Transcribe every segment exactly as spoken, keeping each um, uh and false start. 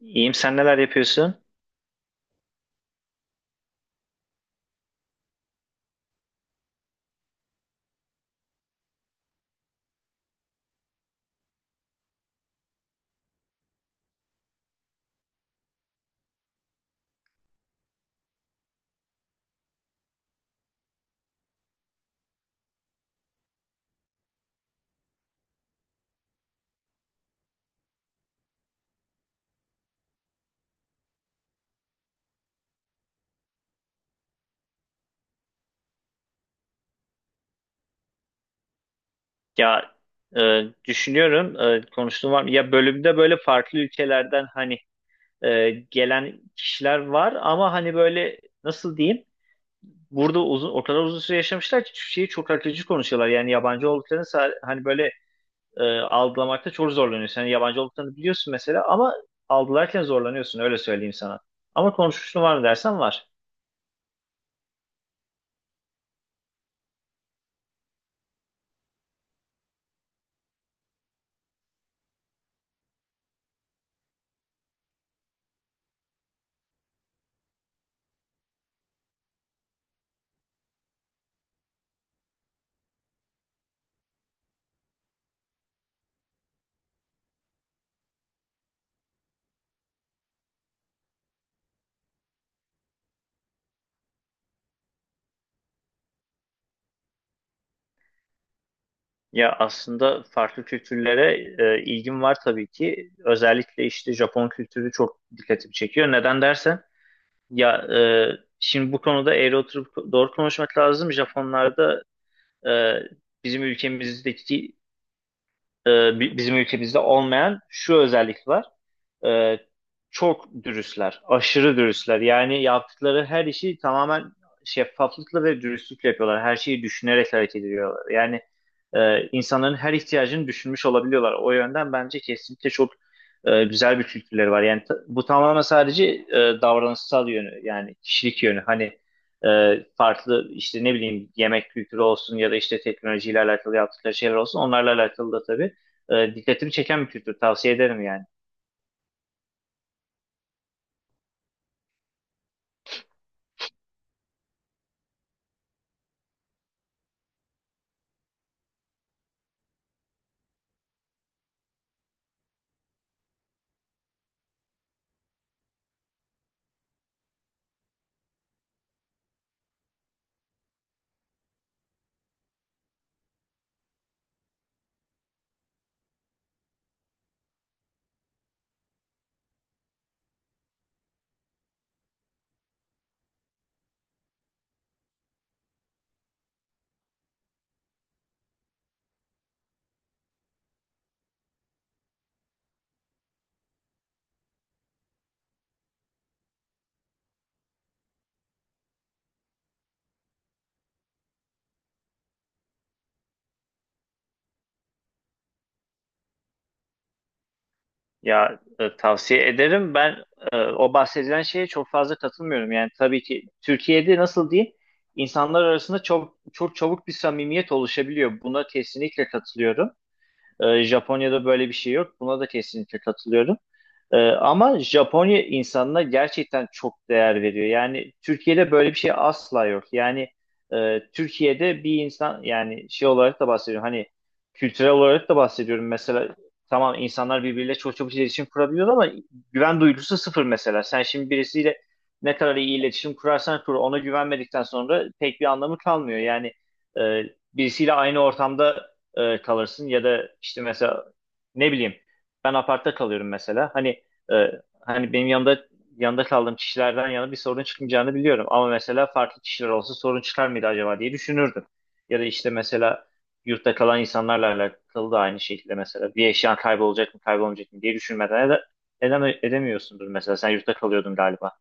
İyiyim, sen neler yapıyorsun? Ya e, düşünüyorum, e, konuştuğum var mı? Ya bölümde böyle farklı ülkelerden hani e, gelen kişiler var ama hani böyle nasıl diyeyim? Burada uzun, o kadar uzun süre yaşamışlar ki şeyi çok akıcı konuşuyorlar. Yani yabancı olduklarını sa- hani böyle e, algılamakta çok zorlanıyorsun. Yani yabancı olduklarını biliyorsun mesela, ama algılarken zorlanıyorsun, öyle söyleyeyim sana. Ama konuşmuşluğum var mı dersen, var. Ya aslında farklı kültürlere e, ilgim var tabii ki. Özellikle işte Japon kültürü çok dikkatimi çekiyor. Neden dersen, ya e, şimdi bu konuda eğri oturup doğru konuşmak lazım. Japonlarda e, bizim ülkemizdeki e, bi- bizim ülkemizde olmayan şu özellik var. E, Çok dürüstler, aşırı dürüstler. Yani yaptıkları her işi tamamen şeffaflıkla ve dürüstlükle yapıyorlar. Her şeyi düşünerek hareket ediyorlar. Yani e, insanların her ihtiyacını düşünmüş olabiliyorlar. O yönden bence kesinlikle çok e, güzel bir kültürleri var. Yani ta- bu tamamen sadece e, davranışsal yönü, yani kişilik yönü. Hani e, farklı işte, ne bileyim, yemek kültürü olsun ya da işte teknolojiyle alakalı yaptıkları şeyler olsun. Onlarla alakalı da tabii e, dikkatimi çeken bir kültür. Tavsiye ederim yani. Ya e, tavsiye ederim. Ben e, o bahsedilen şeye çok fazla katılmıyorum. Yani tabii ki Türkiye'de nasıl diyeyim? İnsanlar arasında çok çok çabuk bir samimiyet oluşabiliyor. Buna kesinlikle katılıyorum. Ee, Japonya'da böyle bir şey yok. Buna da kesinlikle katılıyorum. Ee, ama Japonya insanına gerçekten çok değer veriyor. Yani Türkiye'de böyle bir şey asla yok. Yani e, Türkiye'de bir insan, yani şey olarak da bahsediyorum, hani kültürel olarak da bahsediyorum. Mesela tamam, insanlar birbiriyle çok çabuk iletişim kurabiliyor ama güven duygusu sıfır mesela. Sen şimdi birisiyle ne kadar iyi iletişim kurarsan kur, ona güvenmedikten sonra pek bir anlamı kalmıyor. Yani e, birisiyle aynı ortamda e, kalırsın ya da işte mesela, ne bileyim, ben apartta kalıyorum mesela. Hani e, hani benim yanında yanında kaldığım kişilerden yana bir sorun çıkmayacağını biliyorum. Ama mesela farklı kişiler olsa sorun çıkar mıydı acaba diye düşünürdüm. Ya da işte mesela yurtta kalan insanlarla alakalı da aynı şekilde, mesela bir eşyan kaybolacak mı kaybolmayacak mı diye düşünmeden ede- edeme- edemiyorsundur mesela, sen yurtta kalıyordun galiba.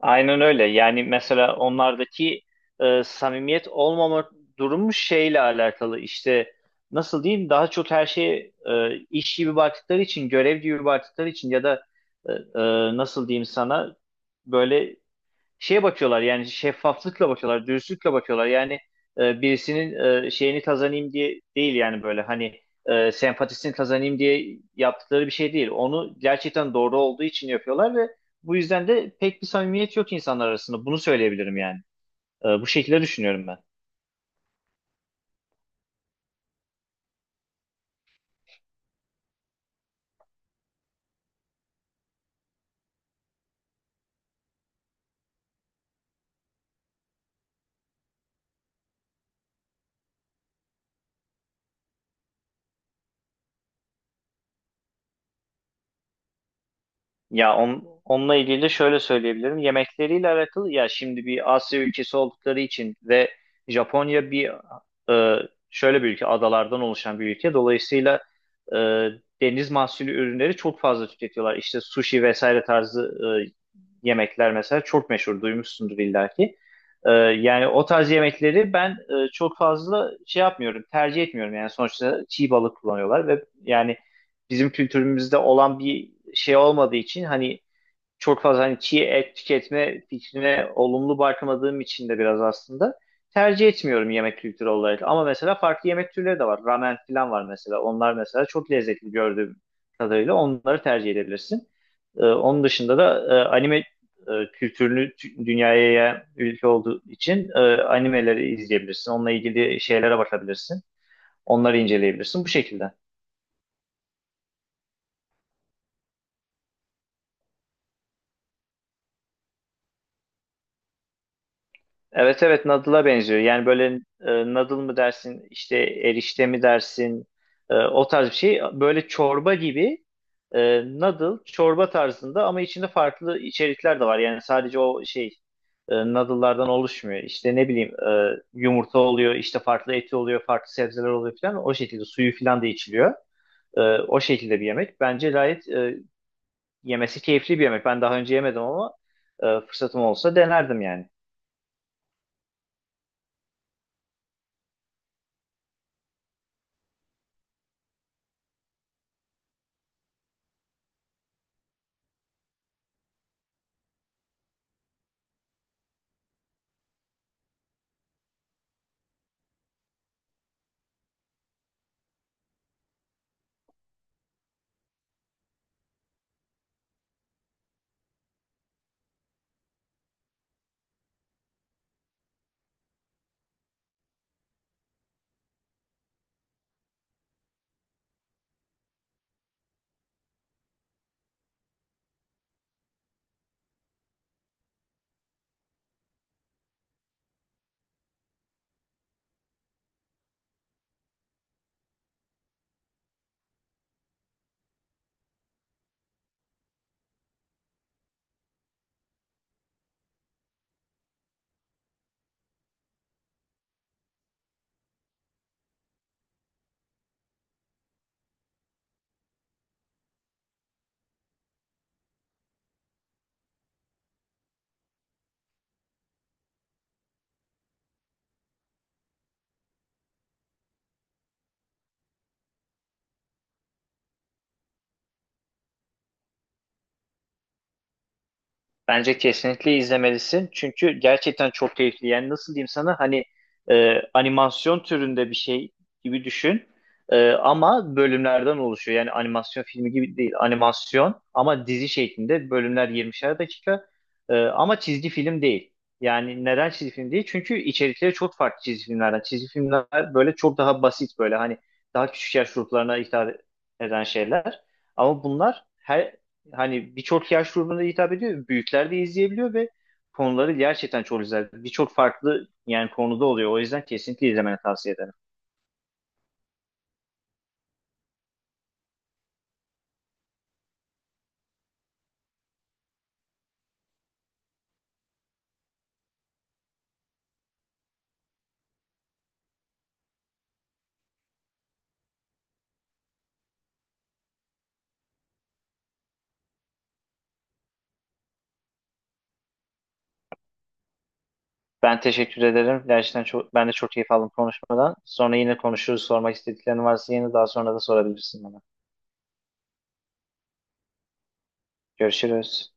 Aynen öyle. Yani mesela onlardaki e, samimiyet olmama durumu şeyle alakalı. İşte nasıl diyeyim? Daha çok her şeye e, iş gibi baktıkları için, görev gibi baktıkları için ya da e, e, nasıl diyeyim sana, böyle şeye bakıyorlar, yani şeffaflıkla bakıyorlar, dürüstlükle bakıyorlar. Yani e, birisinin e, şeyini kazanayım diye değil, yani böyle hani e, sempatisini kazanayım diye yaptıkları bir şey değil. Onu gerçekten doğru olduğu için yapıyorlar ve bu yüzden de pek bir samimiyet yok insanlar arasında. Bunu söyleyebilirim yani. E, bu şekilde düşünüyorum ben. Ya on, onunla ilgili de şöyle söyleyebilirim. Yemekleriyle alakalı, ya şimdi bir Asya ülkesi oldukları için ve Japonya bir e, şöyle bir ülke, adalardan oluşan bir ülke. Dolayısıyla e, deniz mahsulü ürünleri çok fazla tüketiyorlar. İşte sushi vesaire tarzı e, yemekler mesela çok meşhur, duymuşsundur illaki. Ee, yani o tarz yemekleri ben e, çok fazla şey yapmıyorum, tercih etmiyorum. Yani sonuçta çiğ balık kullanıyorlar ve yani bizim kültürümüzde olan bir şey olmadığı için, hani çok fazla hani çiğ et tüketme fikrine olumlu bakmadığım için de biraz aslında tercih etmiyorum yemek kültürü olarak. Ama mesela farklı yemek türleri de var. Ramen falan var mesela. Onlar mesela çok lezzetli, gördüğüm kadarıyla onları tercih edebilirsin. Ee, onun dışında da e, anime e, kültürünü tü- dünyaya yayan ülke olduğu için e, animeleri izleyebilirsin. Onunla ilgili şeylere bakabilirsin. Onları inceleyebilirsin bu şekilde. Evet, evet, noodle'a benziyor. Yani böyle e, noodle mı dersin, işte erişte mi dersin, e, o tarz bir şey. Böyle çorba gibi, e, noodle çorba tarzında ama içinde farklı içerikler de var. Yani sadece o şey e, noodle'lardan oluşmuyor. İşte, ne bileyim, e, yumurta oluyor, işte farklı eti oluyor, farklı sebzeler oluyor falan. O şekilde suyu falan da içiliyor. E, O şekilde bir yemek. Bence gayet e, yemesi keyifli bir yemek. Ben daha önce yemedim ama e, fırsatım olsa denerdim yani. Bence kesinlikle izlemelisin. Çünkü gerçekten çok keyifli. Yani nasıl diyeyim sana, hani e, animasyon türünde bir şey gibi düşün. E, ama bölümlerden oluşuyor. Yani animasyon filmi gibi değil. Animasyon ama dizi şeklinde, bölümler yirmişer dakika. E, ama çizgi film değil. Yani neden çizgi film değil? Çünkü içerikleri çok farklı çizgi filmlerden. Çizgi filmler böyle çok daha basit, böyle hani daha küçük yaş gruplarına hitap eden şeyler. Ama bunlar her hani birçok yaş grubuna hitap ediyor. Büyükler de izleyebiliyor ve konuları gerçekten çok güzel. Birçok farklı yani konuda oluyor. O yüzden kesinlikle izlemeni tavsiye ederim. Ben teşekkür ederim. Gerçekten çok, ben de çok keyif aldım konuşmadan. Sonra yine konuşuruz. Sormak istediklerin varsa yine daha sonra da sorabilirsin bana. Görüşürüz.